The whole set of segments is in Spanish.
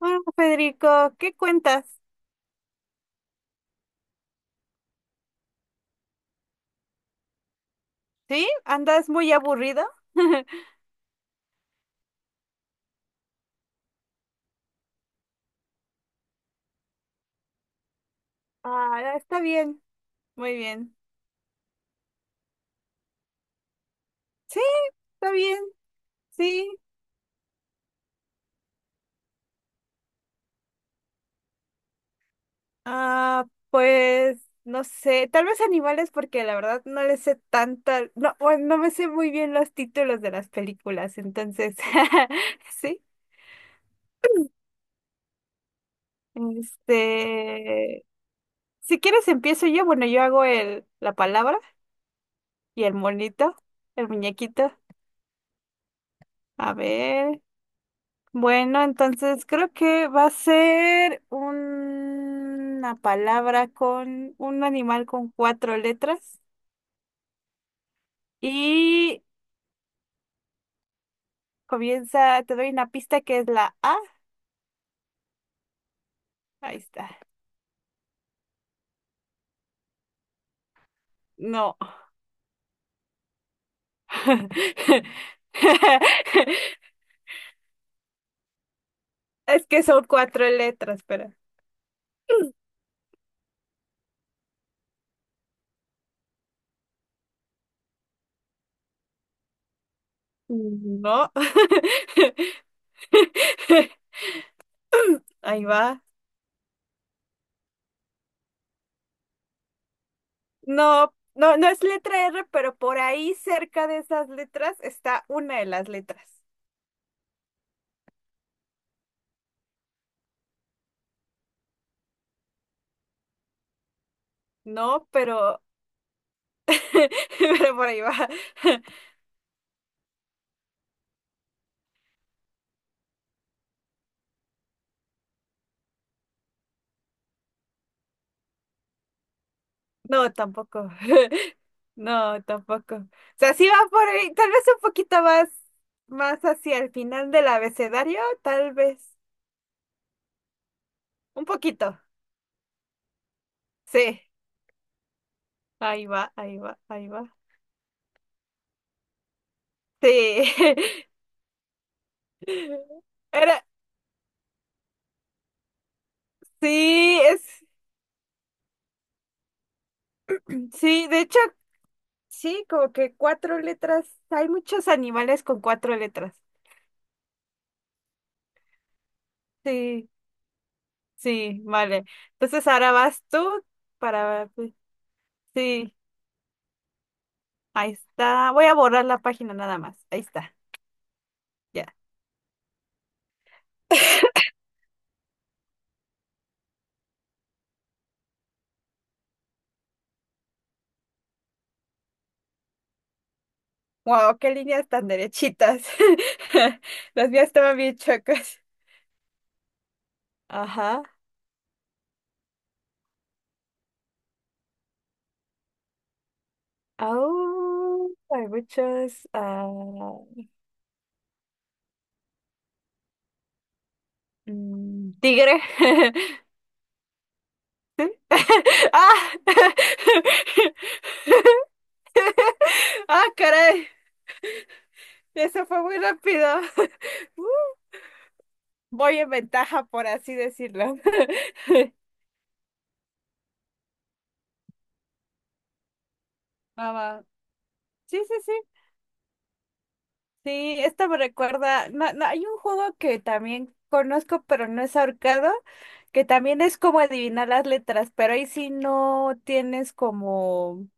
Hola, Federico, ¿qué cuentas? ¿Sí? ¿Andas muy aburrido? Ah, está bien, muy bien. Sí, está bien, sí. Ah, pues no sé, tal vez animales porque la verdad no le sé tanta, no, bueno, no me sé muy bien los títulos de las películas, entonces, sí. Este, si quieres empiezo yo, bueno, yo hago el la palabra y el monito, el muñequito. A ver. Bueno, entonces creo que va a ser una palabra con un animal con cuatro letras y comienza, te doy una pista que es la A. Ahí está. No. Es que son cuatro letras, pero no. Ahí va. No, no, no es letra R, pero por ahí cerca de esas letras está una de las letras. No, pero pero por ahí va. No, tampoco. No, tampoco. O sea, sí va por ahí, tal vez un poquito más hacia el final del abecedario, tal vez. Un poquito. Sí. Ahí va, ahí va, ahí va. Sí. Era, sí, es, sí, de hecho, sí, como que cuatro letras. Hay muchos animales con cuatro letras. Sí, sí, vale. Entonces ahora vas tú para, sí. Ahí está. Voy a borrar la página nada más. Ahí está. Ya. Wow, qué líneas tan derechitas. Las mías estaban bien chocas. Ajá. Au, hay muchos. Ah, tigre. ¡Ah! ¡Ah, caray! Eso fue muy rápido. Voy en ventaja, por así decirlo. Mamá. Sí, sí, sí. Sí, esta me recuerda, no, no, hay un juego que también conozco, pero no es ahorcado, que también es como adivinar las letras, pero ahí sí no tienes como,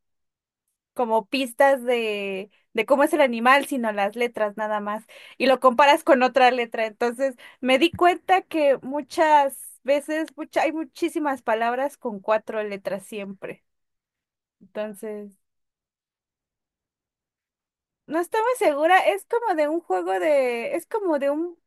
como pistas de cómo es el animal, sino las letras nada más, y lo comparas con otra letra. Entonces, me di cuenta que muchas veces, hay muchísimas palabras con cuatro letras siempre. Entonces, no estoy muy segura,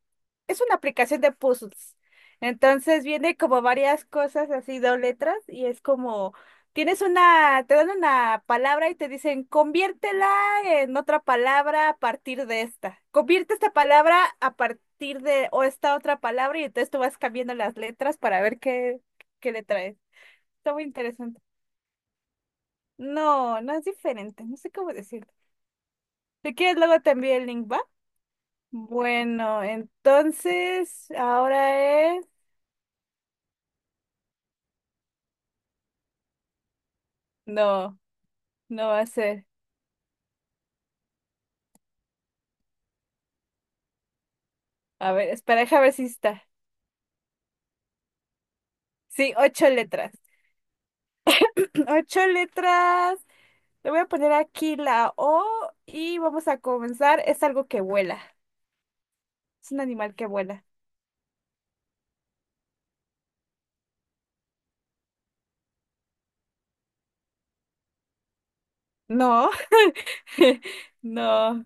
es una aplicación de puzzles. Entonces viene como varias cosas así, dos letras, y es como, te dan una palabra y te dicen, conviértela en otra palabra a partir de esta. Convierte esta palabra a partir de, o esta otra palabra, y entonces tú vas cambiando las letras para ver qué le traes. Está muy interesante. No, no es diferente, no sé cómo decirlo. Si quieres, luego te envío el link, ¿va? Bueno, entonces, ahora es... No. No va a ser. A ver, espera, déjame ver si está. Sí, ocho letras. Ocho letras. Le voy a poner aquí la O y vamos a comenzar. Es algo que vuela. Es un animal que vuela. No, no,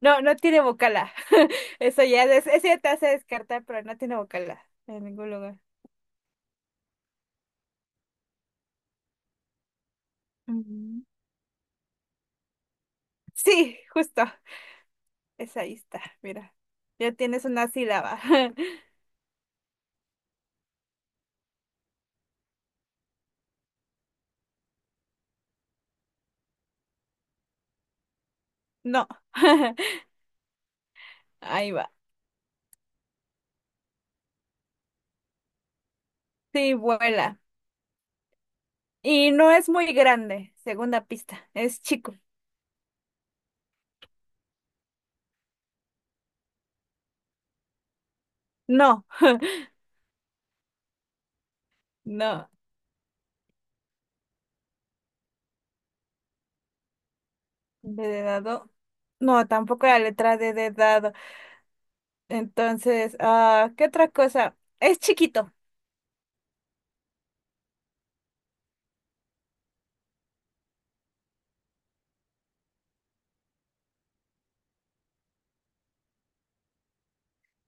no, no tiene vocala. Eso ya, es, eso ya te hace descartar, pero no tiene vocala en ningún lugar. Ujú. Sí, justo. Esa ahí está, mira. Ya tienes una sílaba. No. Ahí va. Sí, vuela. Y no es muy grande, segunda pista, es chico. No, no. D de dado. No, tampoco la letra D de dado. Entonces, ah, ¿qué otra cosa? Es chiquito.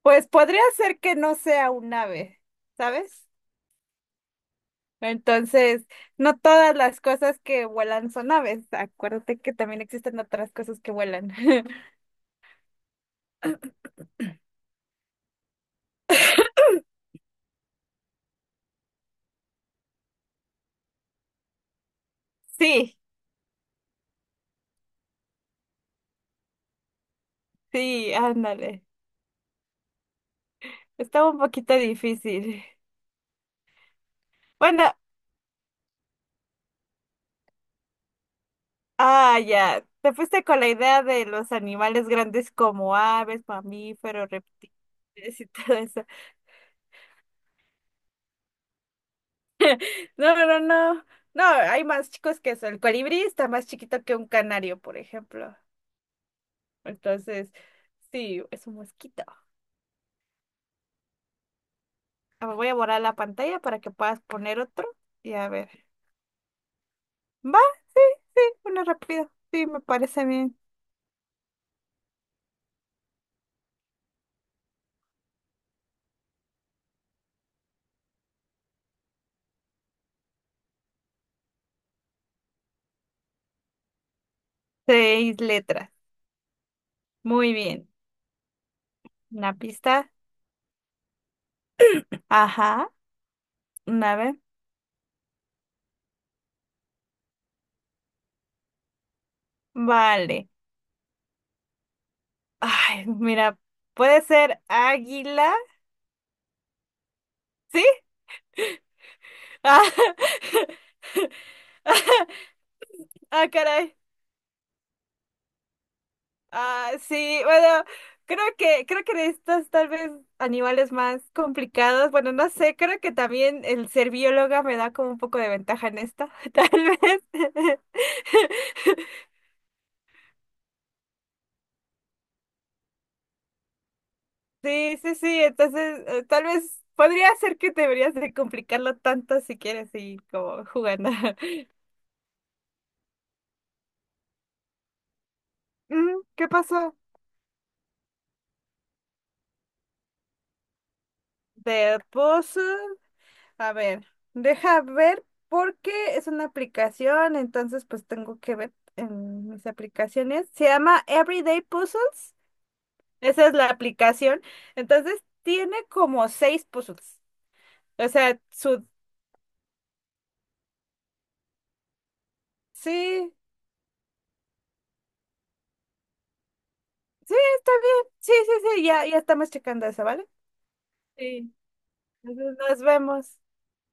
Pues podría ser que no sea un ave, ¿sabes? Entonces, no todas las cosas que vuelan son aves. Acuérdate que también existen otras cosas que vuelan. Sí, sí, ándale. Estaba un poquito difícil. Bueno, ah, ya. Te fuiste con la idea de los animales grandes como aves, mamíferos, reptiles y todo eso. No, no, no. No, hay más chicos que eso. El colibrí está más chiquito que un canario, por ejemplo. Entonces, sí, es un mosquito. Ah, voy a borrar la pantalla para que puedas poner otro y a ver. Va, sí, sí, uno rápido. Sí, me parece bien. Seis letras. Muy bien. Una pista. Ajá. Una vez. Vale. Ay, mira, puede ser águila, ¿sí? Ah, ah, caray. Ah, sí, bueno, creo que de estos tal vez animales más complicados, bueno, no sé, creo que también el ser bióloga me da como un poco de ventaja en esta, tal vez. Sí, sí, sí, entonces tal vez podría ser que deberías de complicarlo tanto si quieres y como jugando. Mm, ¿qué pasó? ¿De pozo? A ver, deja ver porque es una aplicación, entonces pues tengo que ver en mis aplicaciones. Se llama Everyday Puzzles, esa es la aplicación. Entonces tiene como seis puzzles. O sea, su... Sí, sí, está bien. Sí, sí, sí, ya, ya estamos checando eso, ¿vale? Sí. Entonces nos vemos.